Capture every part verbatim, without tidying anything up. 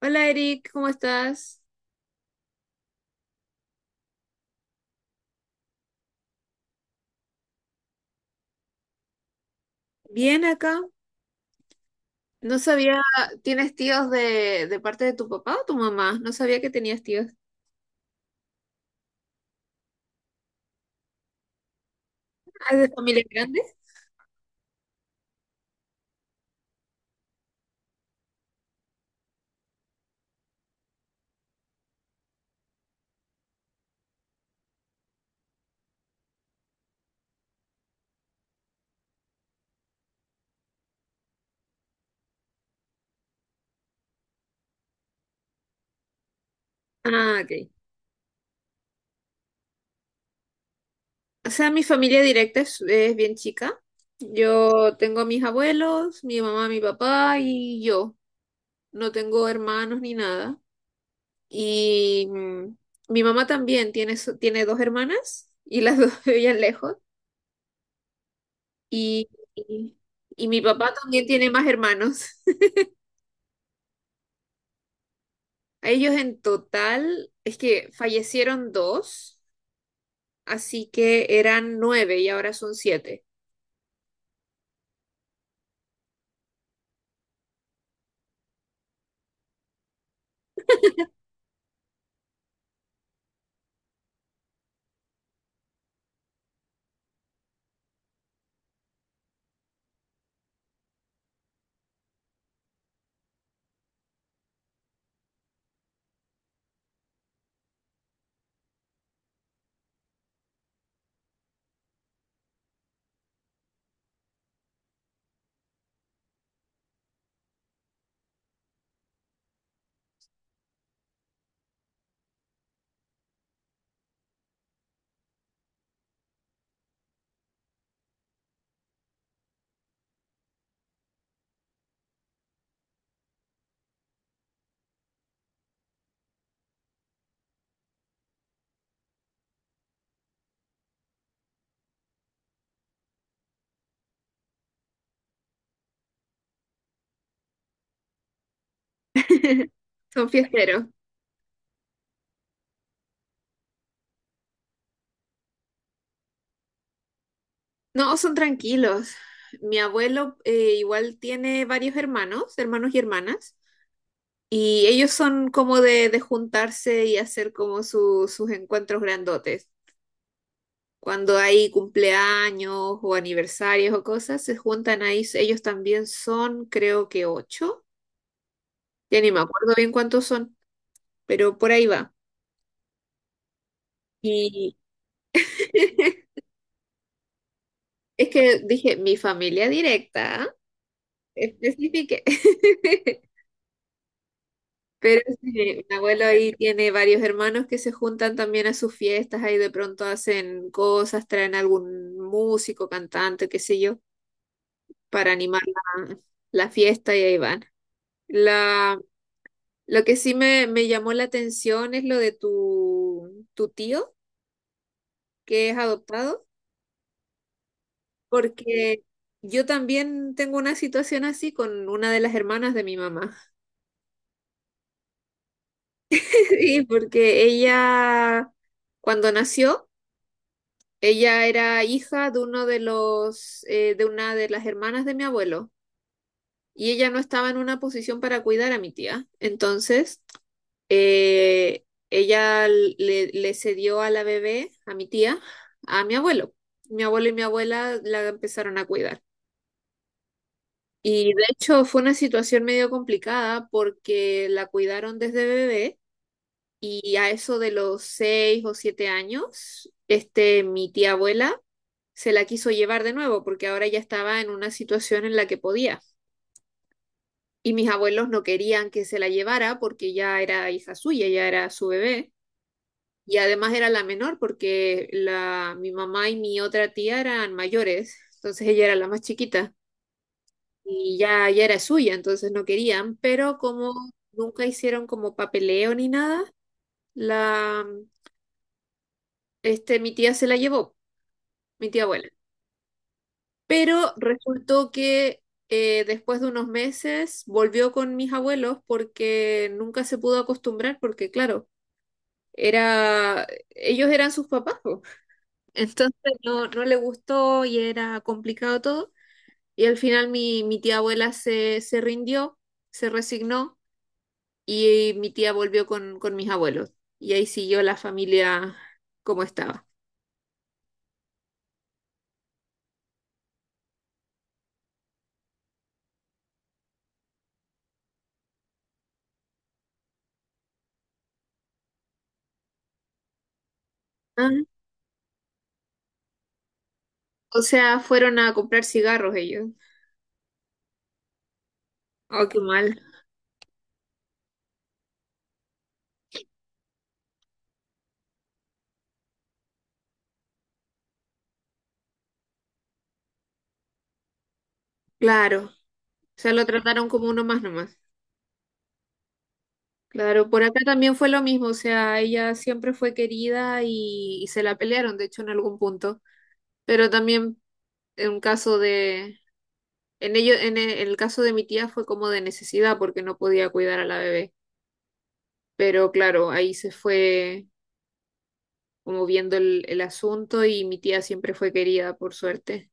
Hola Eric, ¿cómo estás? Bien acá. No sabía, ¿tienes tíos de, de parte de tu papá o tu mamá? No sabía que tenías tíos. Ah, ¿es de familia grande? Ah, ok. O sea, mi familia directa es, es bien chica. Yo tengo a mis abuelos, mi mamá, mi papá y yo. No tengo hermanos ni nada. Y mm, mi mamá también tiene, su- tiene dos hermanas y las dos vivían lejos. Y, y, y mi papá también tiene más hermanos. A ellos en total, es que fallecieron dos, así que eran nueve y ahora son siete. Son fiesteros. No, son tranquilos. Mi abuelo eh, igual tiene varios hermanos, hermanos y hermanas, y ellos son como de, de juntarse y hacer como su- sus encuentros grandotes. Cuando hay cumpleaños o aniversarios o cosas, se juntan ahí. Ellos también son, creo que ocho. Ya ni me acuerdo bien cuántos son, pero por ahí va. Y es que dije, mi familia directa, especifique. Pero sí, mi abuelo ahí tiene varios hermanos que se juntan también a sus fiestas, ahí de pronto hacen cosas, traen algún músico, cantante, qué sé yo, para animar la, la fiesta y ahí van. La, lo que sí me, me llamó la atención es lo de tu, tu tío, que es adoptado, porque yo también tengo una situación así con una de las hermanas de mi mamá. Sí, porque ella, cuando nació, ella era hija de uno de los, eh, de una de las hermanas de mi abuelo, y ella no estaba en una posición para cuidar a mi tía. Entonces, eh, ella le, le cedió a la bebé, a mi tía, a mi abuelo. Mi abuelo y mi abuela la empezaron a cuidar. Y de hecho fue una situación medio complicada porque la cuidaron desde bebé. Y a eso de los seis o siete años, este, mi tía abuela se la quiso llevar de nuevo porque ahora ya estaba en una situación en la que podía. Y mis abuelos no querían que se la llevara porque ya era hija suya, ya era su bebé. Y además era la menor porque la, mi mamá y mi otra tía eran mayores, entonces ella era la más chiquita y ya, ya era suya, entonces no querían, pero como nunca hicieron como papeleo ni nada, la, este, mi tía se la llevó. Mi tía abuela. Pero resultó que eh, después de unos meses volvió con mis abuelos porque nunca se pudo acostumbrar, porque claro, era, ellos eran sus papás, po. Entonces no, no le gustó y era complicado todo. Y al final mi, mi tía abuela se, se rindió, se resignó y mi tía volvió con, con mis abuelos. Y ahí siguió la familia como estaba. Ah, o sea, fueron a comprar cigarros ellos. Oh, qué mal. Claro. O sea, lo trataron como uno más nomás. Claro, por acá también fue lo mismo, o sea, ella siempre fue querida y, y se la pelearon, de hecho, en algún punto. Pero también en un caso de, en ello, en e- el caso de mi tía fue como de necesidad porque no podía cuidar a la bebé. Pero claro, ahí se fue como viendo el, el asunto y mi tía siempre fue querida, por suerte.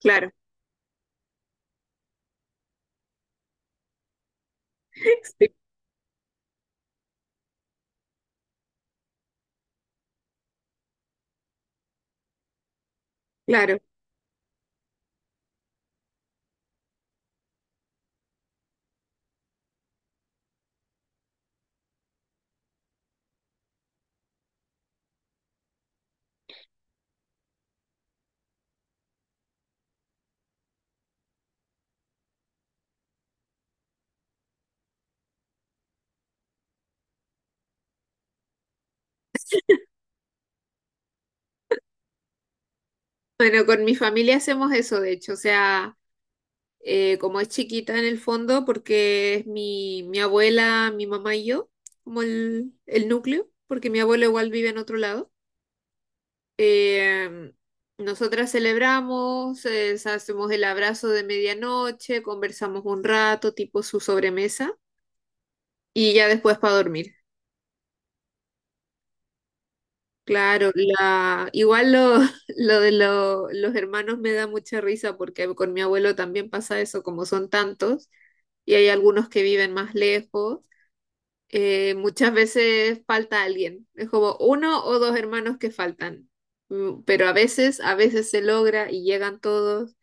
Claro, sí, claro. Bueno, con mi familia hacemos eso, de hecho, o sea. eh, como es chiquita en el fondo, porque es mi, mi abuela, mi mamá y yo, como el, el núcleo, porque mi abuelo igual vive en otro lado. Eh, Nosotras celebramos, eh, hacemos el abrazo de medianoche, conversamos un rato, tipo su sobremesa, y ya después para dormir. Claro, la, igual lo, lo de lo- los hermanos me da mucha risa porque con mi abuelo también pasa eso, como son tantos, y hay algunos que viven más lejos. eh, muchas veces falta alguien. Es como uno o dos hermanos que faltan. Mm, Pero a veces, a veces se logra y llegan todos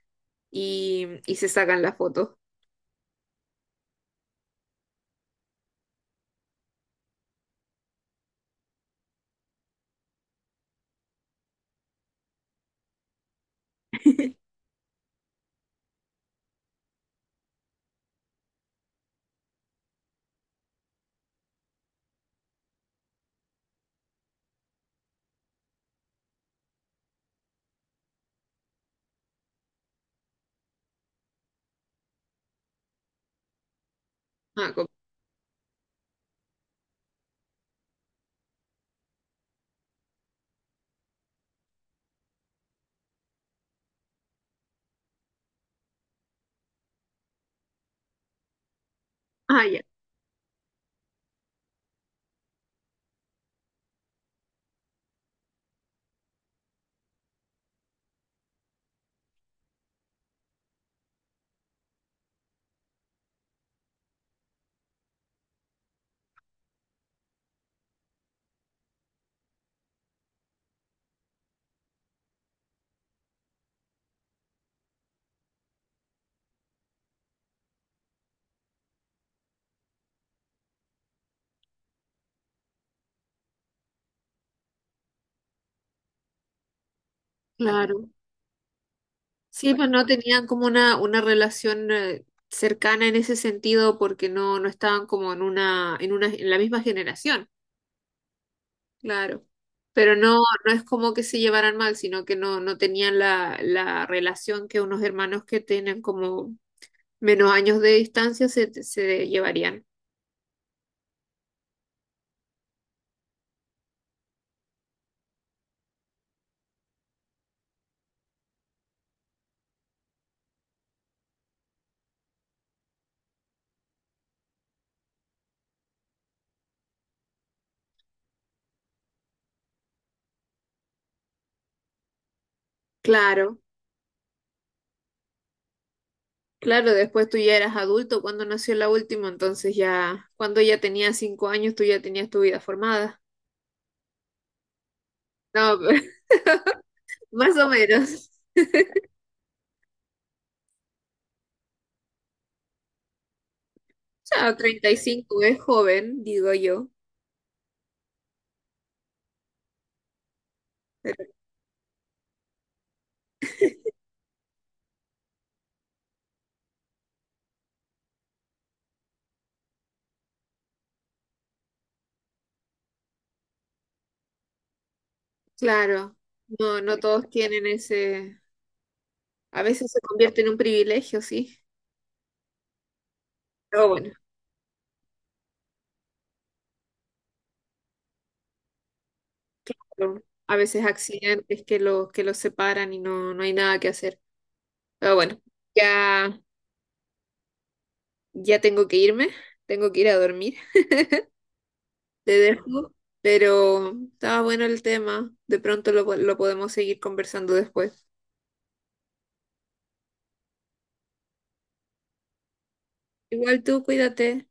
y, y se sacan la foto. Ah, como- ah, ya, claro. Sí, pues no tenían como una, una relación eh, cercana en ese sentido porque no, no estaban como en una, en una, en la misma generación. Claro. Pero no, no es como que se llevaran mal, sino que no, no tenían la, la relación que unos hermanos que tienen como menos años de distancia se, se llevarían. Claro, claro, después tú ya eras adulto cuando nació la última, entonces ya, cuando ella tenía cinco años, tú ya tenías tu vida formada. No, más o menos. O sea, treinta y cinco es joven, digo yo. Claro, no, no todos tienen ese, a veces se convierte en un privilegio, sí. Pero bueno, pero a veces accidentes que los que los separan y no, no hay nada que hacer. Pero bueno, ya, ya tengo que irme, tengo que ir a dormir. Te dejo, pero estaba bueno el tema. De pronto lo, po- lo podemos seguir conversando después. Igual tú, cuídate.